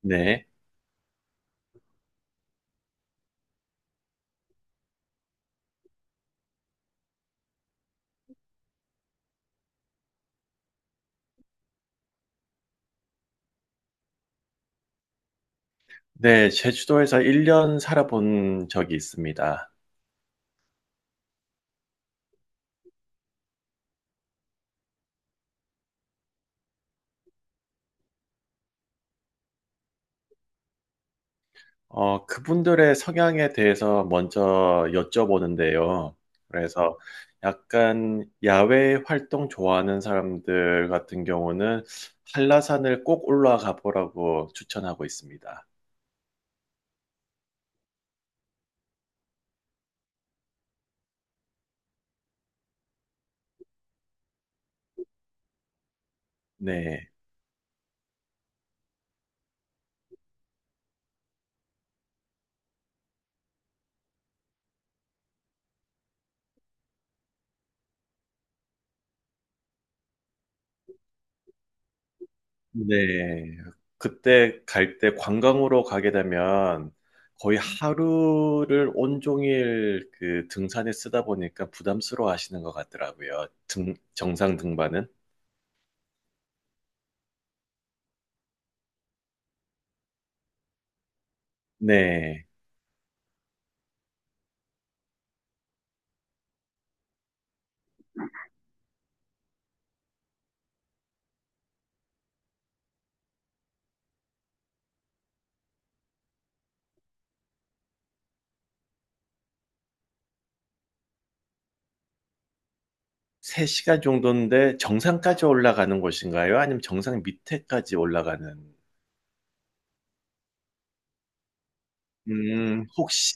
네. 네, 제주도에서 1년 살아본 적이 있습니다. 그분들의 성향에 대해서 먼저 여쭤보는데요. 그래서 약간 야외 활동 좋아하는 사람들 같은 경우는 한라산을 꼭 올라가 보라고 추천하고 있습니다. 네. 네. 그때 갈 때 관광으로 가게 되면 거의 하루를 온종일 그 등산에 쓰다 보니까 부담스러워 하시는 것 같더라고요. 정상 등반은. 네. 3시간 정도인데 정상까지 올라가는 곳인가요? 아니면 정상 밑에까지 올라가는? 혹시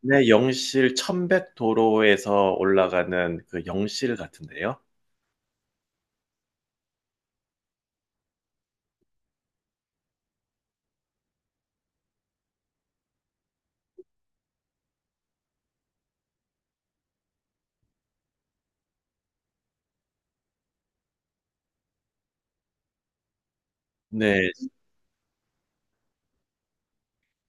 네, 영실 천백 도로에서 올라가는 그 영실 같은데요? 네.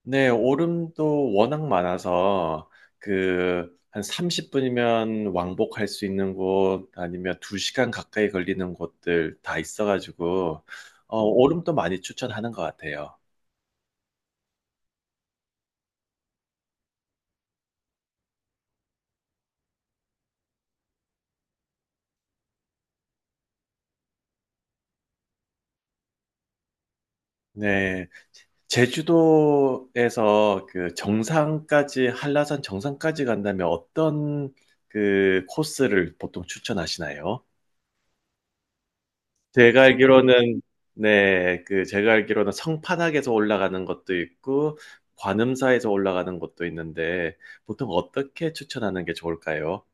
네. 오름도 워낙 많아서 그 한 30분이면 왕복할 수 있는 곳 아니면 2시간 가까이 걸리는 곳들 다 있어 가지고 오름도 많이 추천하는 것 같아요. 네. 제주도에서 그 정상까지, 한라산 정상까지 간다면 어떤 그 코스를 보통 추천하시나요? 제가 알기로는, 네, 그 제가 알기로는 성판악에서 올라가는 것도 있고, 관음사에서 올라가는 것도 있는데, 보통 어떻게 추천하는 게 좋을까요?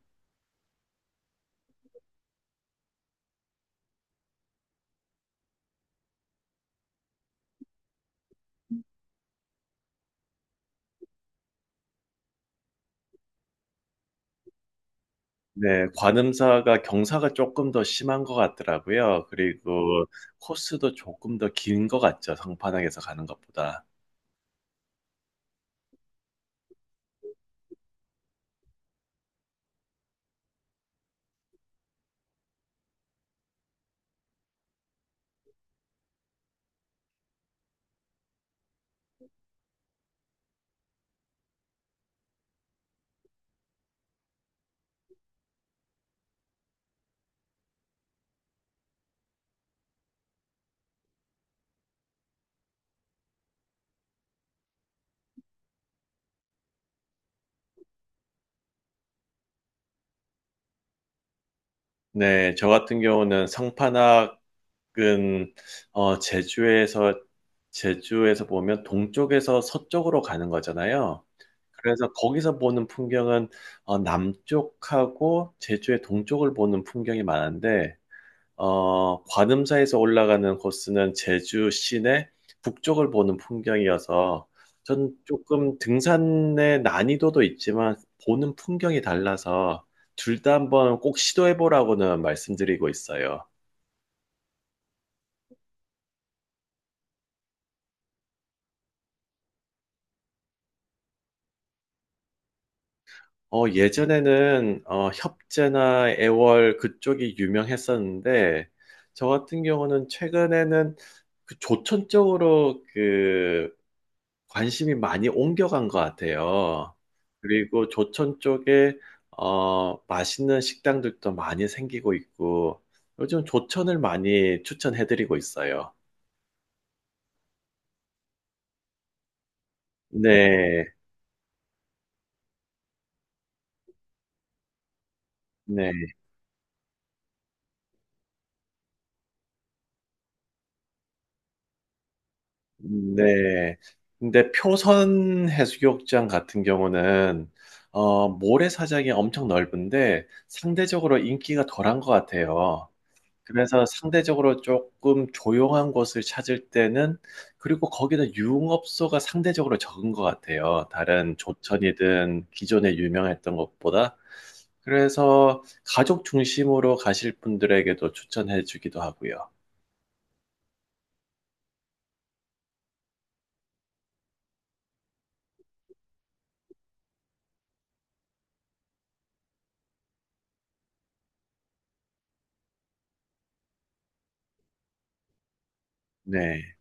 네, 관음사가 경사가 조금 더 심한 것 같더라고요. 그리고 코스도 조금 더 긴 것 같죠. 성판악에서 가는 것보다. 네, 저 같은 경우는 성판학은 어, 제주에서 제주에서 보면 동쪽에서 서쪽으로 가는 거잖아요. 그래서 거기서 보는 풍경은 남쪽하고 제주의 동쪽을 보는 풍경이 많은데 관음사에서 올라가는 코스는 제주 시내 북쪽을 보는 풍경이어서 전 조금 등산의 난이도도 있지만 보는 풍경이 달라서 둘 다 한번 꼭 시도해보라고는 말씀드리고 있어요. 예전에는 협재나 애월 그쪽이 유명했었는데 저 같은 경우는 최근에는 그 조천 쪽으로 그 관심이 많이 옮겨간 것 같아요. 그리고 조천 쪽에 맛있는 식당들도 많이 생기고 있고 요즘 조천을 많이 추천해드리고 있어요. 네, 네, 네. 근데 표선 해수욕장 같은 경우는 모래사장이 엄청 넓은데 상대적으로 인기가 덜한 것 같아요. 그래서 상대적으로 조금 조용한 곳을 찾을 때는 그리고 거기다 유흥업소가 상대적으로 적은 것 같아요. 다른 조천이든 기존에 유명했던 것보다. 그래서 가족 중심으로 가실 분들에게도 추천해 주기도 하고요. 네.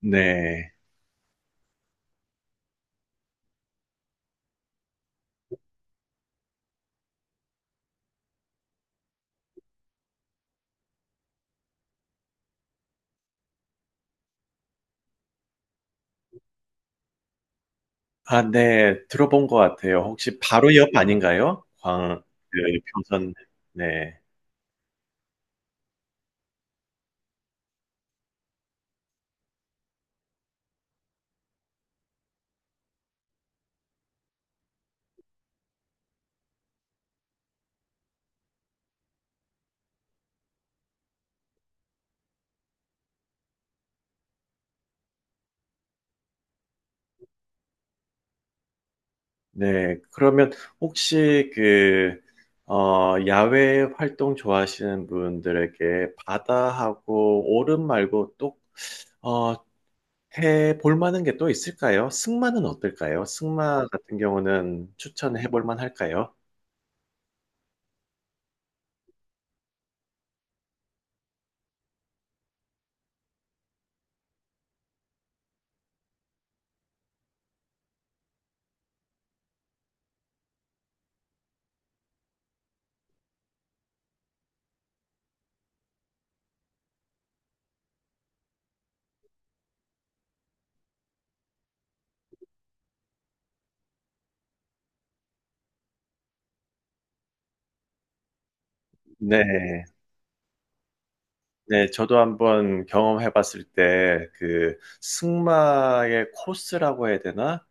네. 아 네. 들어본 것 같아요. 혹시 바로 옆 아닌가요? 광 그 표선 네. 네, 그러면 혹시 그, 야외 활동 좋아하시는 분들에게 바다하고 오름 말고 또, 어, 해 볼 만한 게 또 있을까요? 승마는 어떨까요? 승마 같은 경우는 추천해 볼 만할까요? 네. 네, 저도 한번 경험해 봤을 때, 그, 승마의 코스라고 해야 되나?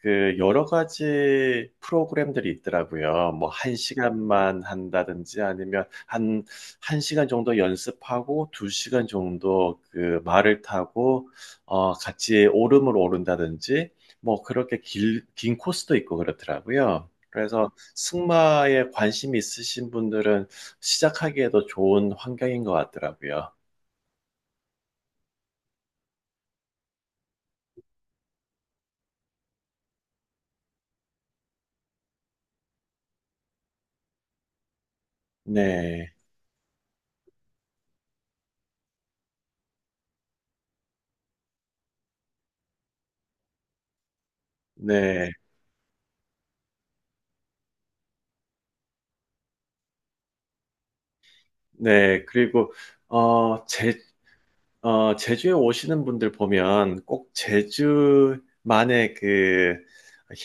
그, 여러 가지 프로그램들이 있더라고요. 뭐, 한 시간만 한다든지 아니면 한, 한 시간 정도 연습하고, 두 시간 정도 그 말을 타고, 같이 오름을 오른다든지, 뭐, 긴 코스도 있고 그렇더라고요. 그래서 승마에 관심 있으신 분들은 시작하기에도 좋은 환경인 것 같더라고요. 네, 네, 네. 그리고, 어, 제, 제주에 오시는 분들 보면 꼭 제주만의 그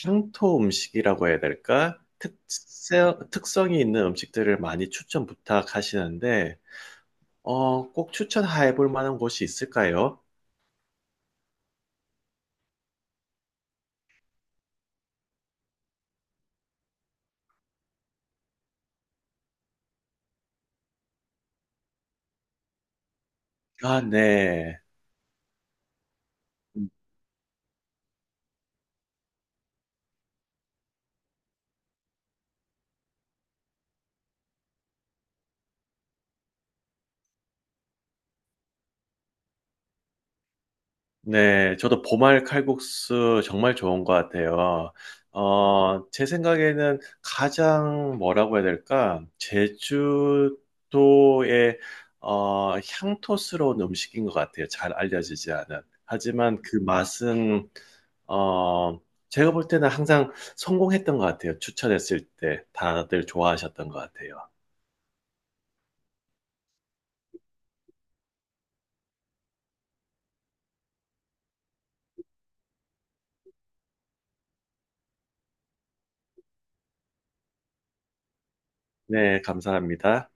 향토 음식이라고 해야 될까? 특성이 있는 음식들을 많이 추천 부탁하시는데, 꼭 추천해 볼 만한 곳이 있을까요? 아, 네. 네, 저도 보말 칼국수 정말 좋은 것 같아요. 제 생각에는 가장 뭐라고 해야 될까? 제주도의 향토스러운 음식인 것 같아요. 잘 알려지지 않은. 하지만 그 맛은 어, 제가 볼 때는 항상 성공했던 것 같아요. 추천했을 때 다들 좋아하셨던 것 같아요. 네, 감사합니다.